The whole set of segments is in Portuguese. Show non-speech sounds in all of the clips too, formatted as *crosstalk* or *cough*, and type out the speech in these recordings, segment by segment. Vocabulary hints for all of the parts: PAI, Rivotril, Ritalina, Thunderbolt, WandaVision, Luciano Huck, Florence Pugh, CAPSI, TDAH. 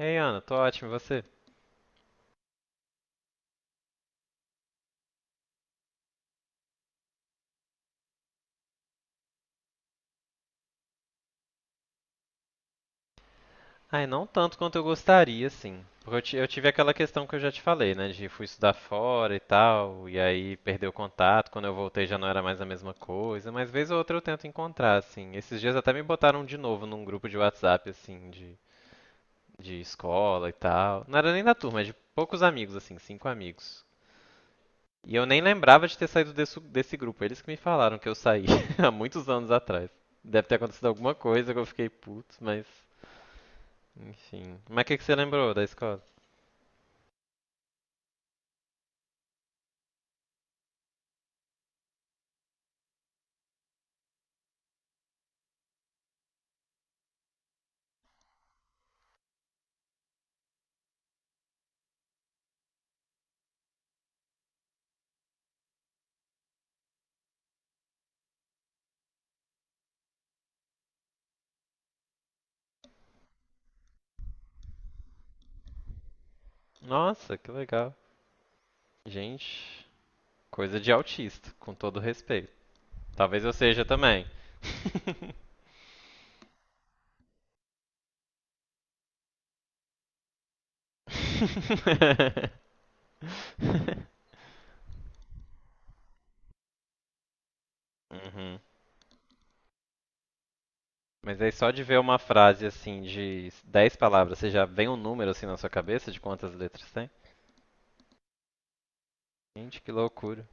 Ei, Ana, tô ótimo, e você? Ai, não tanto quanto eu gostaria, sim. Porque eu tive aquela questão que eu já te falei, né? De fui estudar fora e tal, e aí perdeu o contato. Quando eu voltei já não era mais a mesma coisa, mas vez ou outra eu tento encontrar, assim. Esses dias até me botaram de novo num grupo de WhatsApp, assim, de escola e tal. Não era nem da turma, é de poucos amigos, assim, cinco amigos. E eu nem lembrava de ter saído desse grupo. Eles que me falaram que eu saí *laughs* há muitos anos atrás. Deve ter acontecido alguma coisa que eu fiquei puto, mas. Enfim. Mas o que você lembrou da escola? Nossa, que legal. Gente, coisa de autista, com todo respeito. Talvez eu seja também. *laughs* Uhum. Mas aí só de ver uma frase assim de 10 palavras, você já vem um número assim na sua cabeça de quantas letras tem? Gente, que loucura.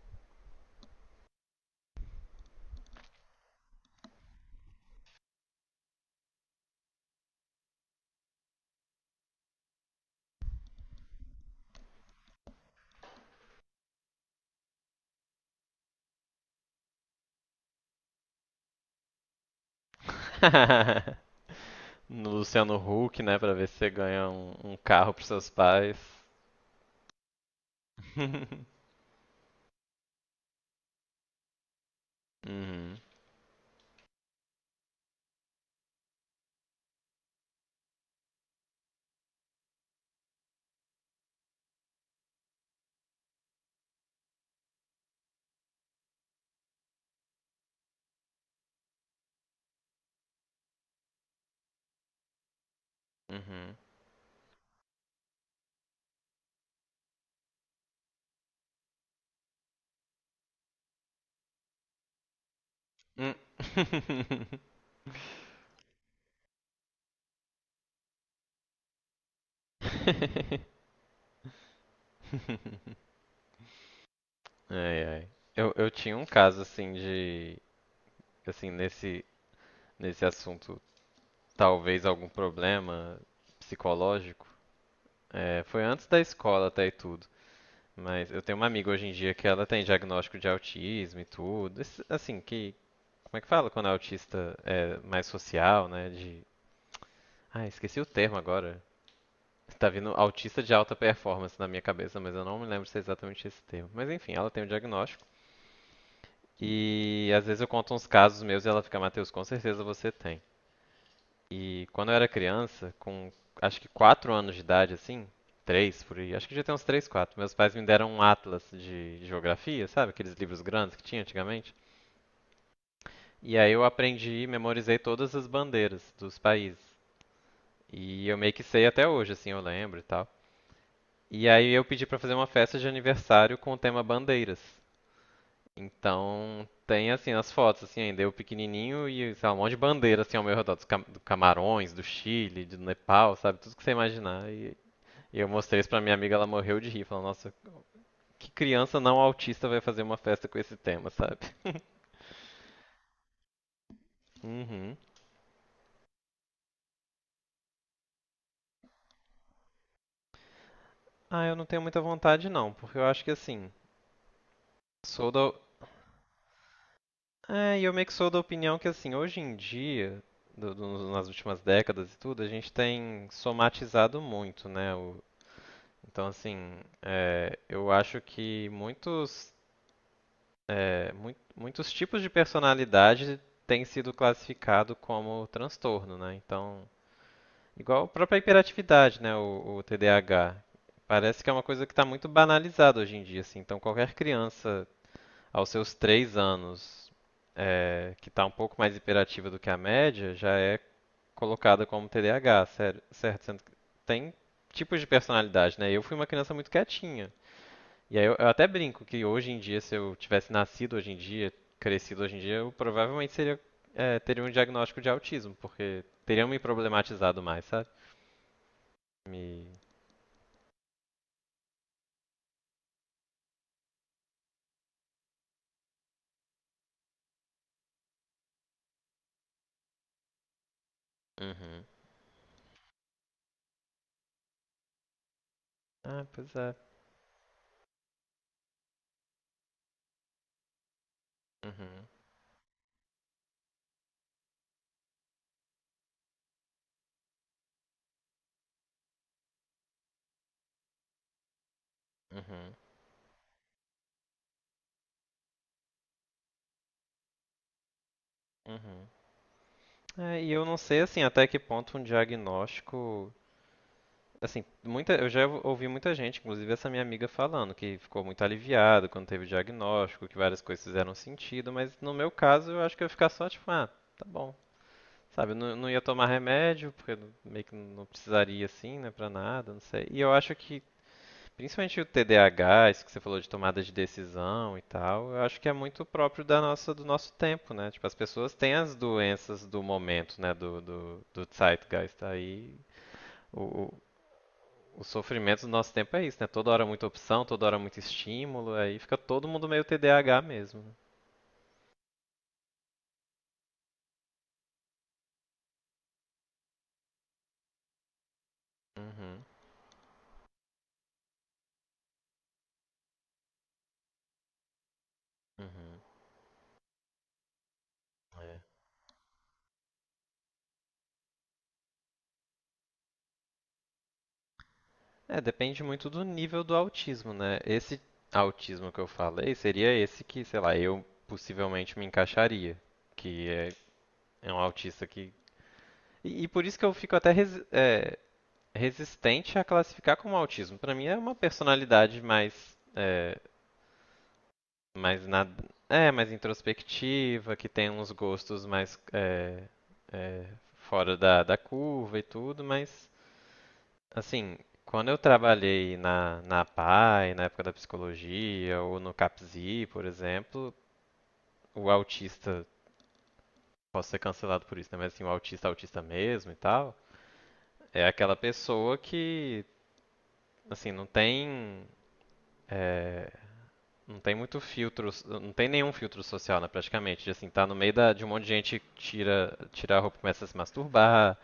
*laughs* No Luciano Huck, né, pra ver se você ganha um carro pros seus pais. *laughs* Uhum. Uhum. Hum. *laughs* *laughs* Ai, ai. Eu tinha um caso assim de, assim, nesse assunto, talvez algum problema psicológico. É, foi antes da escola até e tudo. Mas eu tenho uma amiga hoje em dia que ela tem diagnóstico de autismo e tudo. Esse- Assim, que, como é que fala quando é autista é mais social, né? De, ah, esqueci o termo agora. Tá vindo autista de alta performance na minha cabeça, mas eu não me lembro se é exatamente esse termo. Mas enfim, ela tem o diagnóstico. E às vezes eu conto uns casos meus e ela fica, Matheus, com certeza você tem. E quando eu era criança, com acho que 4 anos de idade, assim, 3, por aí, acho que já tem uns 3, 4. Meus pais me deram um atlas de geografia, sabe? Aqueles livros grandes que tinha antigamente. E aí eu aprendi, e memorizei todas as bandeiras dos países. E eu meio que sei até hoje, assim, eu lembro e tal. E aí eu pedi pra fazer uma festa de aniversário com o tema bandeiras. Então, tem assim as fotos assim ainda, eu pequenininho e sei lá, um monte de bandeira assim ao meu redor, dos Cam- do Camarões, do Chile, do Nepal, sabe? Tudo que você imaginar. E eu mostrei isso pra minha amiga, ela morreu de rir, falando, nossa, que criança não autista vai fazer uma festa com esse tema, *laughs* sabe? Uhum. Ah, eu não tenho muita vontade não, porque eu acho que assim, sou da... É, e eu meio que sou da opinião que assim, hoje em dia, do- do- nas últimas décadas e tudo, a gente tem somatizado muito, né, o- Então, assim, é, eu acho que muitos, é, mui- muitos tipos de personalidade têm sido classificado como transtorno, né? Então, igual a própria hiperatividade, né? O TDAH. Parece que é uma coisa que está muito banalizada hoje em dia, assim. Então, qualquer criança aos seus três anos é, que está um pouco mais hiperativa do que a média já é colocada como TDAH, sério- certo? Sendo que tem tipos de personalidade, né? Eu fui uma criança muito quietinha. E aí eu até brinco que hoje em dia, se eu tivesse nascido hoje em dia, crescido hoje em dia, eu provavelmente seria, eh, teria um diagnóstico de autismo, porque teriam me problematizado mais, sabe? Me. Uhum. Ah, pois é. Uhum. Uhum. Uhum. É, e eu não sei assim até que ponto um diagnóstico, assim, muita, eu já ouvi muita gente, inclusive essa minha amiga falando que ficou muito aliviado quando teve o diagnóstico, que várias coisas fizeram sentido, mas no meu caso eu acho que eu ia ficar só tipo, ah, tá bom. Sabe, eu não, não ia tomar remédio, porque eu meio que não precisaria assim, né, pra nada, não sei. E eu acho que, principalmente o TDAH, isso que você falou de tomada de decisão e tal, eu acho que é muito próprio da nossa, do nosso tempo, né? Tipo, as pessoas têm as doenças do momento, né, do zeitgeist aí. O, o, o sofrimento do nosso tempo é isso, né? Toda hora muita opção, toda hora muito estímulo, aí fica todo mundo meio TDAH mesmo. Né? Uhum, uhum. É. É, depende muito do nível do autismo, né? Esse autismo que eu falei seria esse que, sei lá, eu possivelmente me encaixaria, que é, é um autista que. E por isso que eu fico até resi- é, resistente a classificar como autismo. Pra mim é uma personalidade mais, é, mais na, é, mais introspectiva, que tem uns gostos mais é, é, fora da curva e tudo, mas Assim, quando eu trabalhei na PAI, na época da psicologia, ou no CAPSI, por exemplo, o autista, posso ser cancelado por isso, né? Mas assim, o autista, autista mesmo e tal, é aquela pessoa que, assim, não tem, é, não tem muito filtro, não tem nenhum filtro social, né, praticamente. De, assim, tá no meio de um monte de gente que tira a roupa, e começa a se masturbar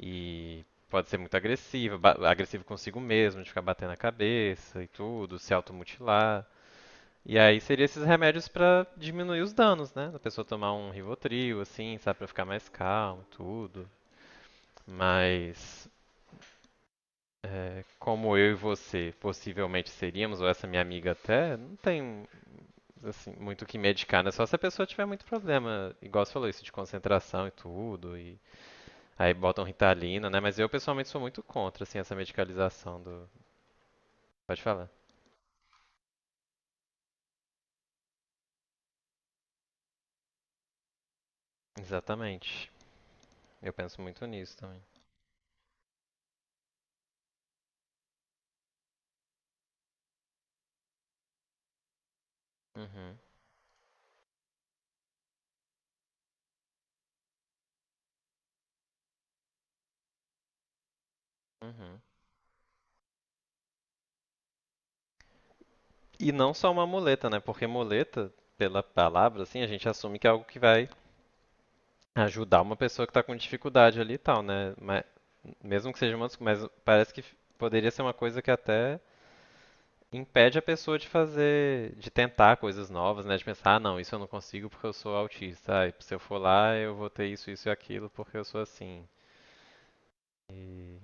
e pode ser muito agressiva, ba- agressivo consigo mesmo, de ficar batendo a cabeça e tudo, se automutilar. E aí seria esses remédios pra diminuir os danos, né? Da pessoa tomar um Rivotril, assim, sabe, pra ficar mais calmo, tudo. Mas é, como eu e você possivelmente seríamos, ou essa minha amiga até, não tem assim, muito o que medicar, né? Só se a pessoa tiver muito problema, igual você falou isso de concentração e tudo, e aí botam Ritalina, né? Mas eu pessoalmente sou muito contra assim essa medicalização do. Pode falar. Exatamente. Eu penso muito nisso também. Uhum. Uhum. E não só uma muleta, né? Porque muleta, pela palavra, assim, a gente assume que é algo que vai ajudar uma pessoa que está com dificuldade ali e tal, né? Mas, mesmo que seja uma desculpa, mas parece que poderia ser uma coisa que até impede a pessoa de fazer, de tentar coisas novas, né? De pensar, ah, não, isso eu não consigo porque eu sou autista. Ah, e se eu for lá, eu vou ter isso, isso e aquilo porque eu sou assim. E...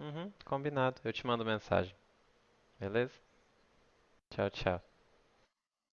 Uhum, combinado. Eu te mando mensagem, beleza? Tchau, tchau.